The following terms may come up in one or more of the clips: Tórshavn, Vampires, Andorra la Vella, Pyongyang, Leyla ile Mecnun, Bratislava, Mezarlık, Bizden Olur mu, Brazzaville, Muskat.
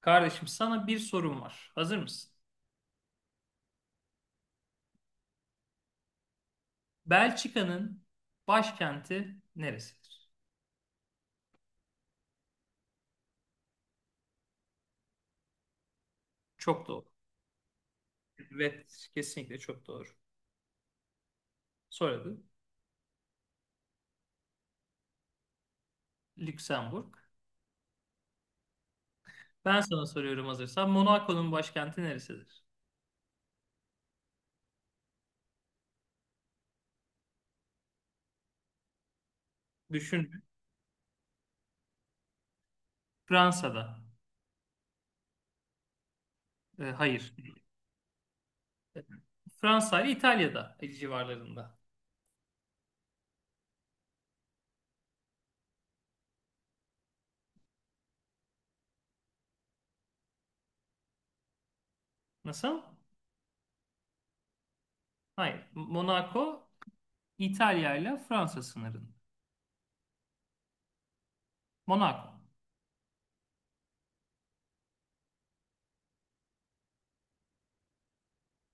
Kardeşim sana bir sorum var. Hazır mısın? Belçika'nın başkenti neresidir? Çok doğru. Evet, kesinlikle çok doğru. Soradı. Lüksemburg. Ben sana soruyorum hazırsan. Monaco'nun başkenti neresidir? Düşün. Fransa'da. E, hayır. Fransa ile İtalya'da civarlarında. Nasıl? Hayır. Monaco İtalya ile Fransa sınırında. Monaco.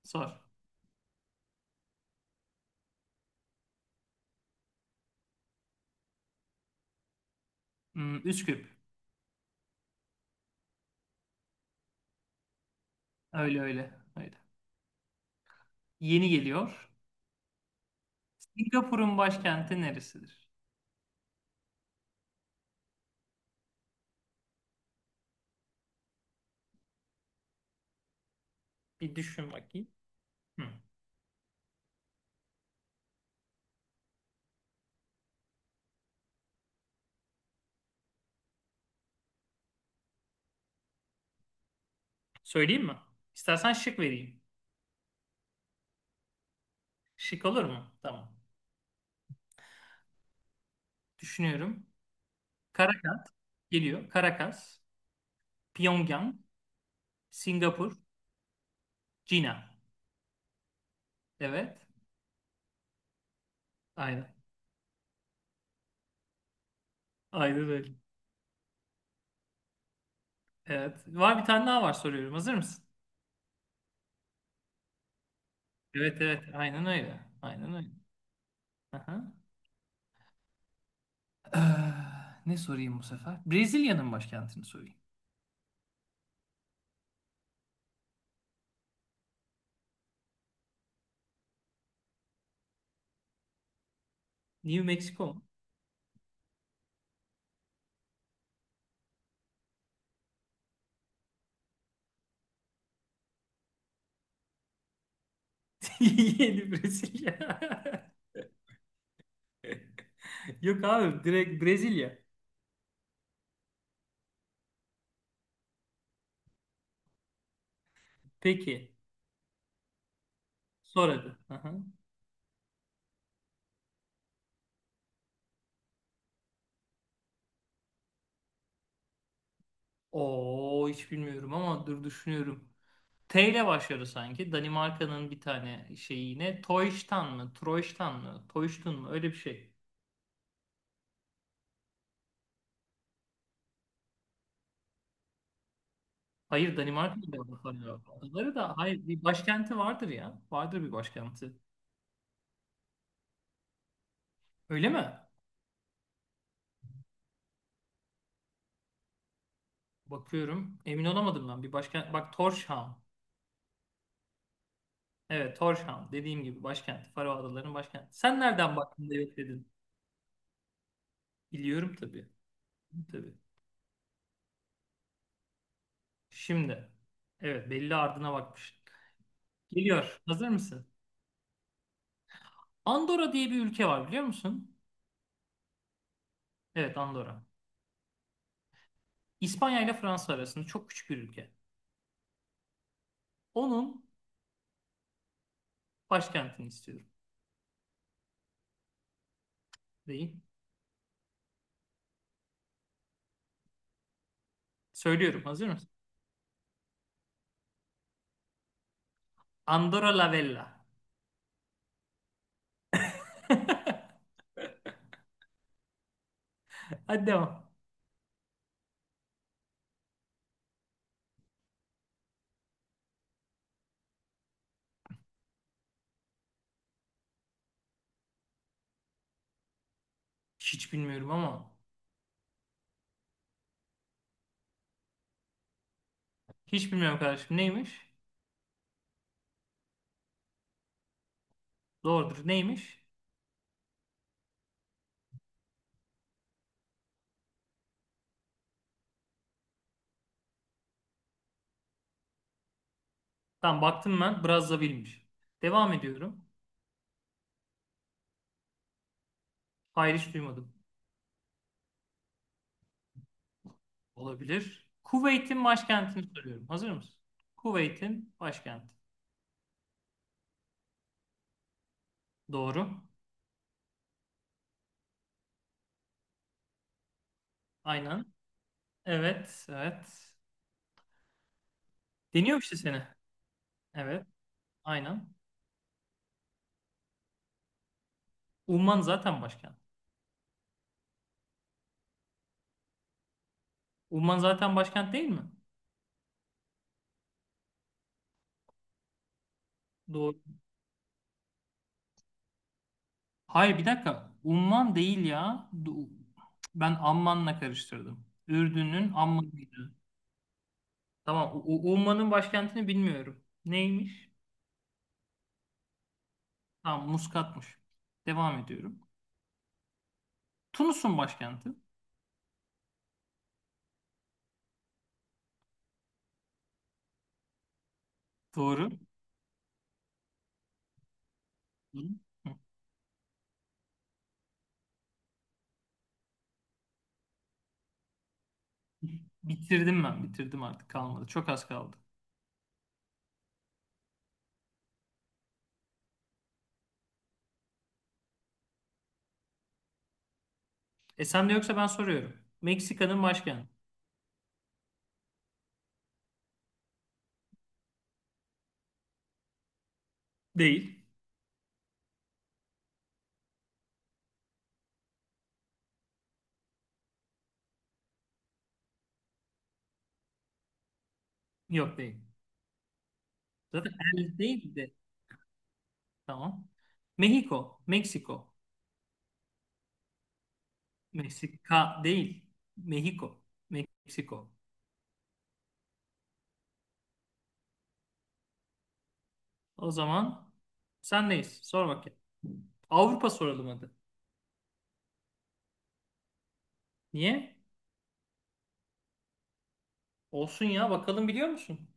Sor. Hmm, Üsküp. Öyle öyle. Öyle. Yeni geliyor. Singapur'un başkenti neresidir? Bir düşün bakayım. Hı. Söyleyeyim mi? İstersen şık vereyim. Şık olur mu? Tamam. Düşünüyorum. Karakat geliyor. Karakas, Pyongyang, Singapur, Cina. Evet. Aynen. Aynen öyle. Evet. Var bir tane daha var, soruyorum. Hazır mısın? Evet, evet. Aynen öyle. Aynen öyle. Aha. Ee, ne sorayım bu sefer? Brezilya'nın başkentini sorayım. New Mexico mu? Yeni Brezilya. Yok abi, direkt Brezilya. Peki. Sor hadi. Aha. Oo, hiç bilmiyorum ama dur, düşünüyorum. T ile başlıyor sanki. Danimarka'nın bir tane şeyi yine. Toyştan mı? Troyştan mı? Toyştun mu? Öyle bir şey. Hayır, Danimarka'da yok. Adaları da hayır, bir başkenti vardır ya. Vardır bir başkenti. Öyle mi? Bakıyorum. Emin olamadım ben. Bir başkent. Bak, Tórshavn. Evet, Tórshavn. Dediğim gibi başkent. Faro Adaları'nın başkenti. Sen nereden baktın da yok dedin? Biliyorum tabii. Tabii. Şimdi. Evet, belli ardına bakmış. Geliyor. Hazır mısın? Andorra diye bir ülke var, biliyor musun? Evet, Andorra. İspanya ile Fransa arasında çok küçük bir ülke. Onun başkentini istiyorum. Değil. Söylüyorum. Hazır mısın? Andorra la Vella. Hadi devam. Hiç bilmiyorum ama. Hiç bilmiyorum kardeşim. Neymiş? Doğrudur. Neymiş? Tam baktım ben. Brazzaville'miş. Devam ediyorum. Hayır, hiç duymadım. Olabilir. Kuveyt'in başkentini soruyorum. Hazır mısın? Kuveyt'in başkenti. Doğru. Aynen. Evet, evet. Deniyor işte seni. Evet, aynen. Umman zaten başkent. Umman zaten başkent değil mi? Doğru. Hayır, bir dakika. Umman değil ya. Du- Ben Amman'la karıştırdım. Ürdün'ün Amman'ıydı. Tamam. U- U- Umman'ın başkentini bilmiyorum. Neymiş? Tamam, Muskat'mış. Devam ediyorum. Tunus'un başkenti. Doğru. Hı. Hı. Bitirdim ben. Bitirdim, artık kalmadı. Çok az kaldı. E sen de yoksa ben soruyorum. Meksika'nın başkenti. Değil. Yok değil. Zaten el değil de. Tamam. Mexico, Meksiko. Meksika değil. Mexico, Meksiko. O zaman sen neyiz? Sor bakayım. Avrupa soralım hadi. Niye? Olsun ya, bakalım biliyor musun?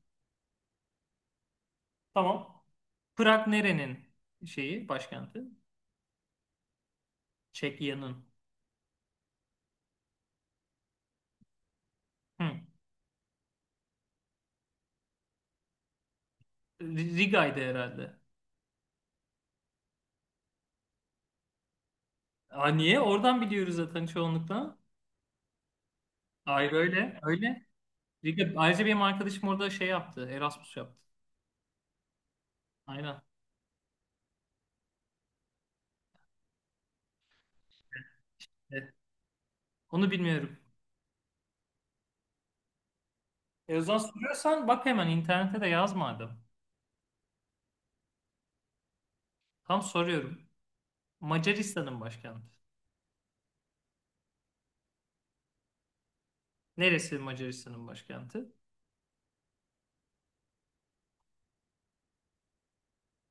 Tamam. Prag nerenin şeyi, başkenti? Çekya'nın. Hı. R- Riga'ydı herhalde. Aa, niye? Oradan biliyoruz zaten çoğunlukla. Hayır öyle, öyle. Riga, ayrıca benim arkadaşım orada şey yaptı, Erasmus yaptı. Aynen. Onu bilmiyorum. E o zaman soruyorsan bak, hemen internete de yaz madem. Tam soruyorum. Macaristan'ın başkenti. Neresi Macaristan'ın başkenti?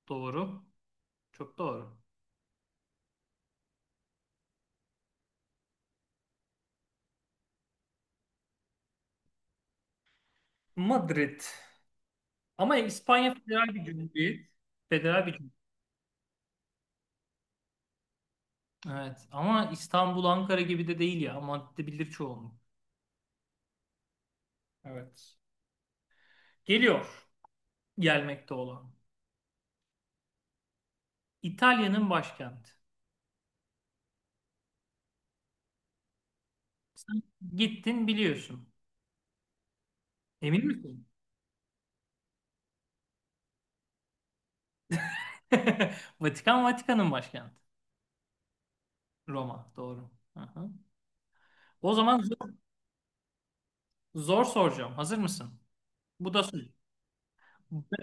Doğru. Çok doğru. Madrid. Ama İspanya federal bir cumhuriyet. Federal bir cumhuriyet. Evet. Ama İstanbul, Ankara gibi de değil ya. Madde bilir çoğunluk. Evet. Geliyor. Gelmekte olan. İtalya'nın başkenti. Sen gittin, biliyorsun. Emin misin? Vatikan, Vatikan'ın başkenti. Roma. Doğru. Aha. O zaman zor, zor soracağım. Hazır mısın? Bu da soru. B-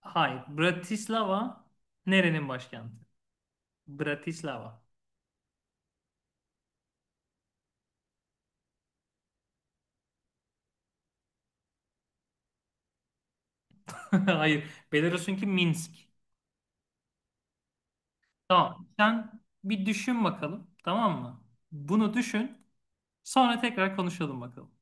Hayır. Bratislava nerenin başkenti? Bratislava. Hayır. Belarus'unki Minsk. Tamam. Sen bir düşün bakalım. Tamam mı? Bunu düşün. Sonra tekrar konuşalım bakalım.